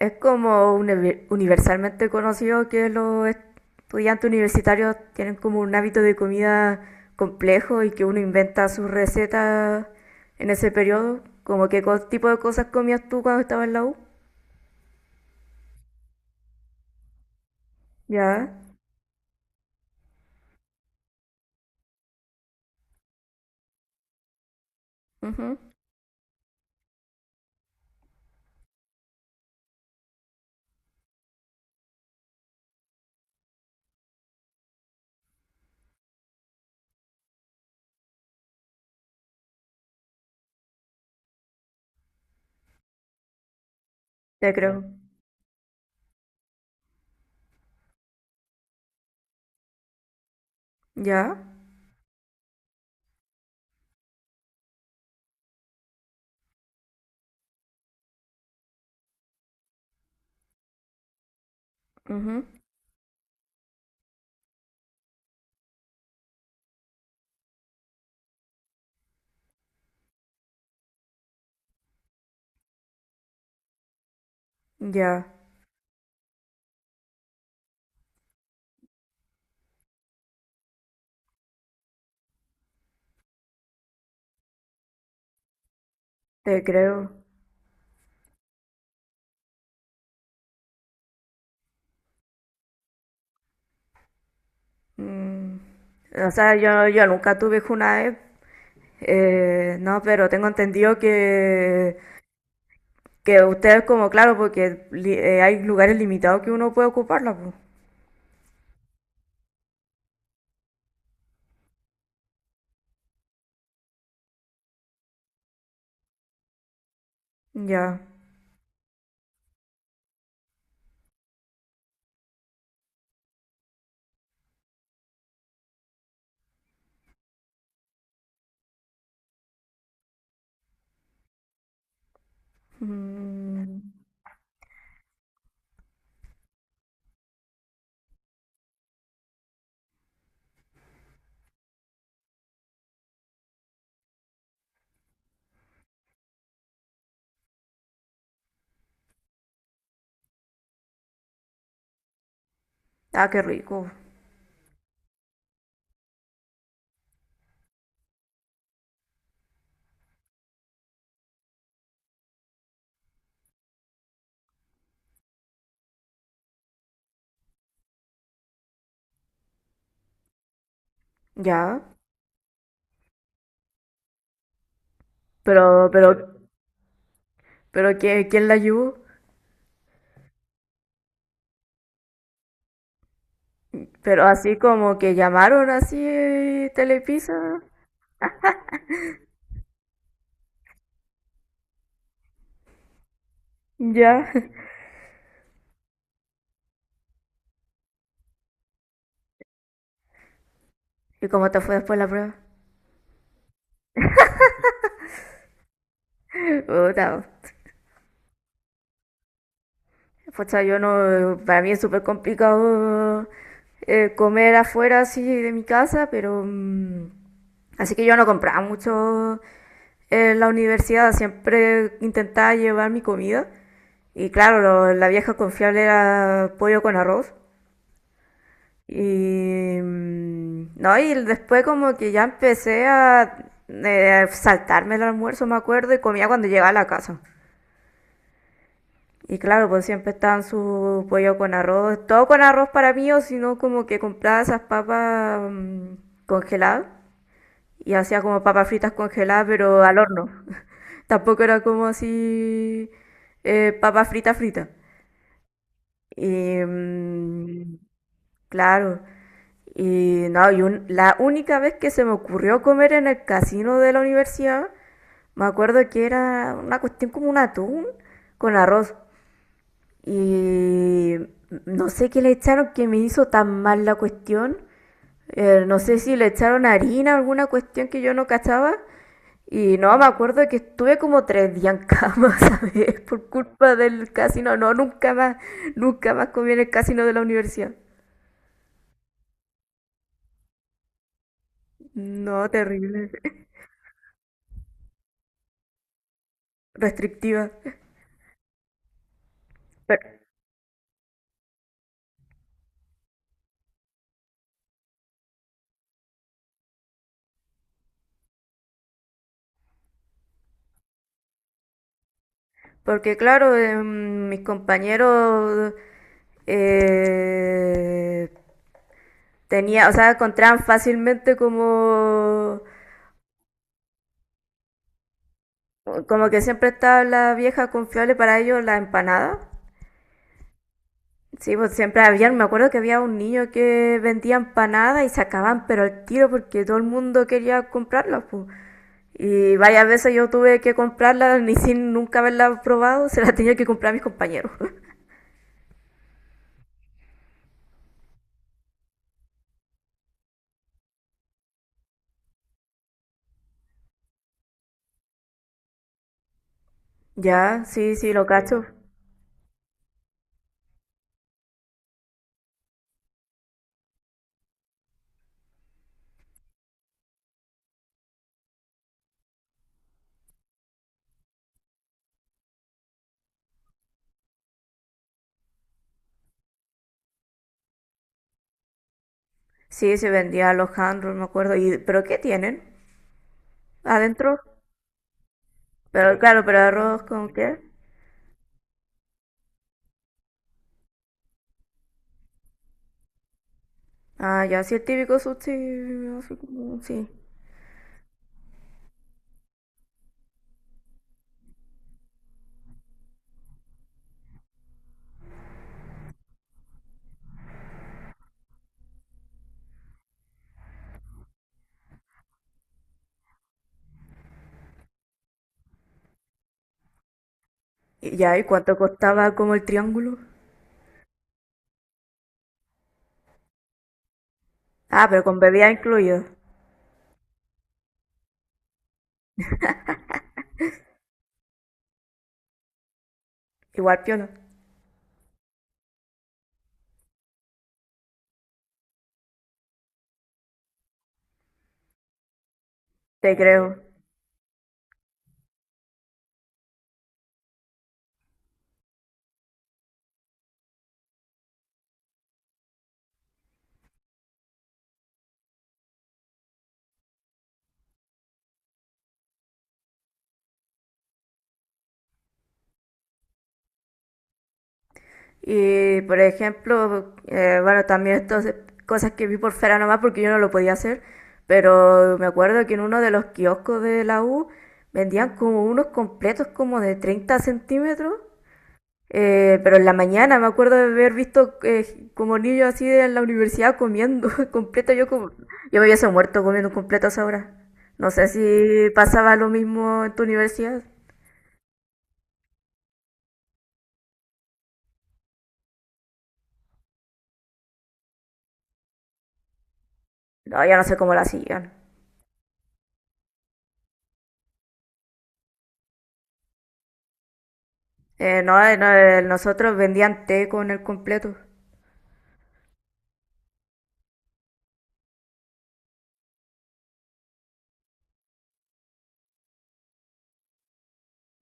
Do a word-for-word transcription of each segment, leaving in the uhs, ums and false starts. Es como univer- universalmente conocido que los estudiantes universitarios tienen como un hábito de comida complejo y que uno inventa sus recetas en ese periodo. Como que co- tipo de cosas comías tú cuando estabas en la U. Ya. Ujú. Te creo. Ya. Ujú. Ya. Te creo. Mm. O sea, yo, yo nunca tuve Junae. Eh, no, pero tengo entendido que Que ustedes, como, claro, porque li- eh, hay lugares limitados que uno puede ocuparla, pues. Ya. Mm. Ah, qué rico. Ya. Pero, pero, pero ¿quién, quién la ayudó? Pero así como que llamaron así, eh, Telepizza. Ya. ¿Y cómo te fue después la prueba? Puta. Pucha, yo no, para mí es súper complicado eh, comer afuera así de mi casa, pero mm, así que yo no compraba mucho en la universidad, siempre intentaba llevar mi comida y claro, lo- la vieja confiable era pollo con arroz y mm, no, y después como que ya empecé a eh, saltarme el almuerzo, me acuerdo, y comía cuando llegaba a la casa. Y claro, pues siempre estaban su pollo con arroz, todo con arroz para mí, o si no, como que compraba esas papas mm, congeladas y hacía como papas fritas congeladas, pero al horno. Tampoco era como así, eh, papas fritas fritas. Y mm, claro, y no, y un- la única vez que se me ocurrió comer en el casino de la universidad, me acuerdo que era una cuestión como un atún con arroz. Y no sé qué le echaron que me hizo tan mal la cuestión. Eh, no sé si le echaron harina, alguna cuestión que yo no cachaba. Y no, me acuerdo que estuve como tres días en cama, ¿sabes? Por culpa del casino. No, nunca más, nunca más comí en el casino de la universidad. No, terrible. Restrictiva. Pero- porque claro, em, mis compañeros eh, tenía, o sea, encontraban fácilmente como. Como que siempre estaba la vieja confiable para ellos, la empanada. Sí, pues siempre había, me acuerdo que había un niño que vendía empanadas y se acababan, pero al tiro porque todo el mundo quería comprarlas, pues. Y varias veces yo tuve que comprarlas ni sin nunca haberlas probado, se las tenía que comprar a mis compañeros. Ya, sí, sí, lo cacho. Sí, se vendía los handros, me acuerdo. ¿Y, pero qué tienen? ¿Adentro? Pero claro, ¿pero arroz con qué? Ah, ya, sí, el típico sushi, así como, sí. Y ya, ¿y cuánto costaba como el triángulo? Ah, pero con bebida incluido. Igual piola. Te creo. Y por ejemplo, eh, bueno, también estas cosas que vi por fuera nomás porque yo no lo podía hacer, pero me acuerdo que en uno de los kioscos de la U vendían como unos completos como de treinta centímetros. Eh, pero en la mañana me acuerdo de haber visto, eh, como niños así en la universidad comiendo completo. Yo como, yo me hubiese muerto comiendo completo a esa hora. No sé si pasaba lo mismo en tu universidad. No, yo no sé cómo la hacían. Eh, no, eh, no, eh, nosotros vendían té con el completo.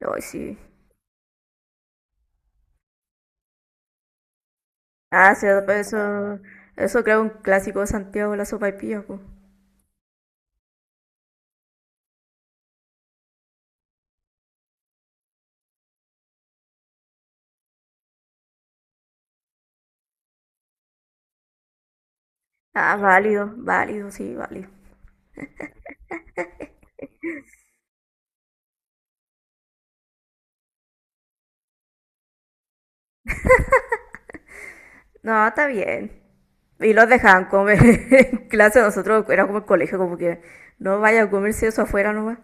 Ay, sí. Ah, sí, pues eso, eso creo un clásico de Santiago, la sopa y pues. Ah, válido, válido, sí, válido. No, está bien. Y los dejaban comer en clase. Nosotros era como el colegio, como que no vaya a comerse eso afuera nomás.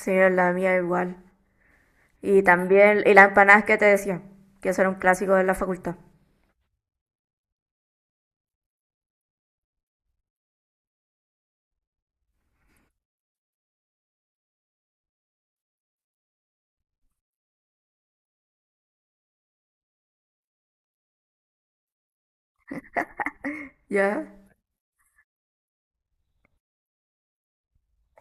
Sí, la mía igual. Y también, y las empanadas que te decía, que eso era un clásico de la facultad. ¿Ya?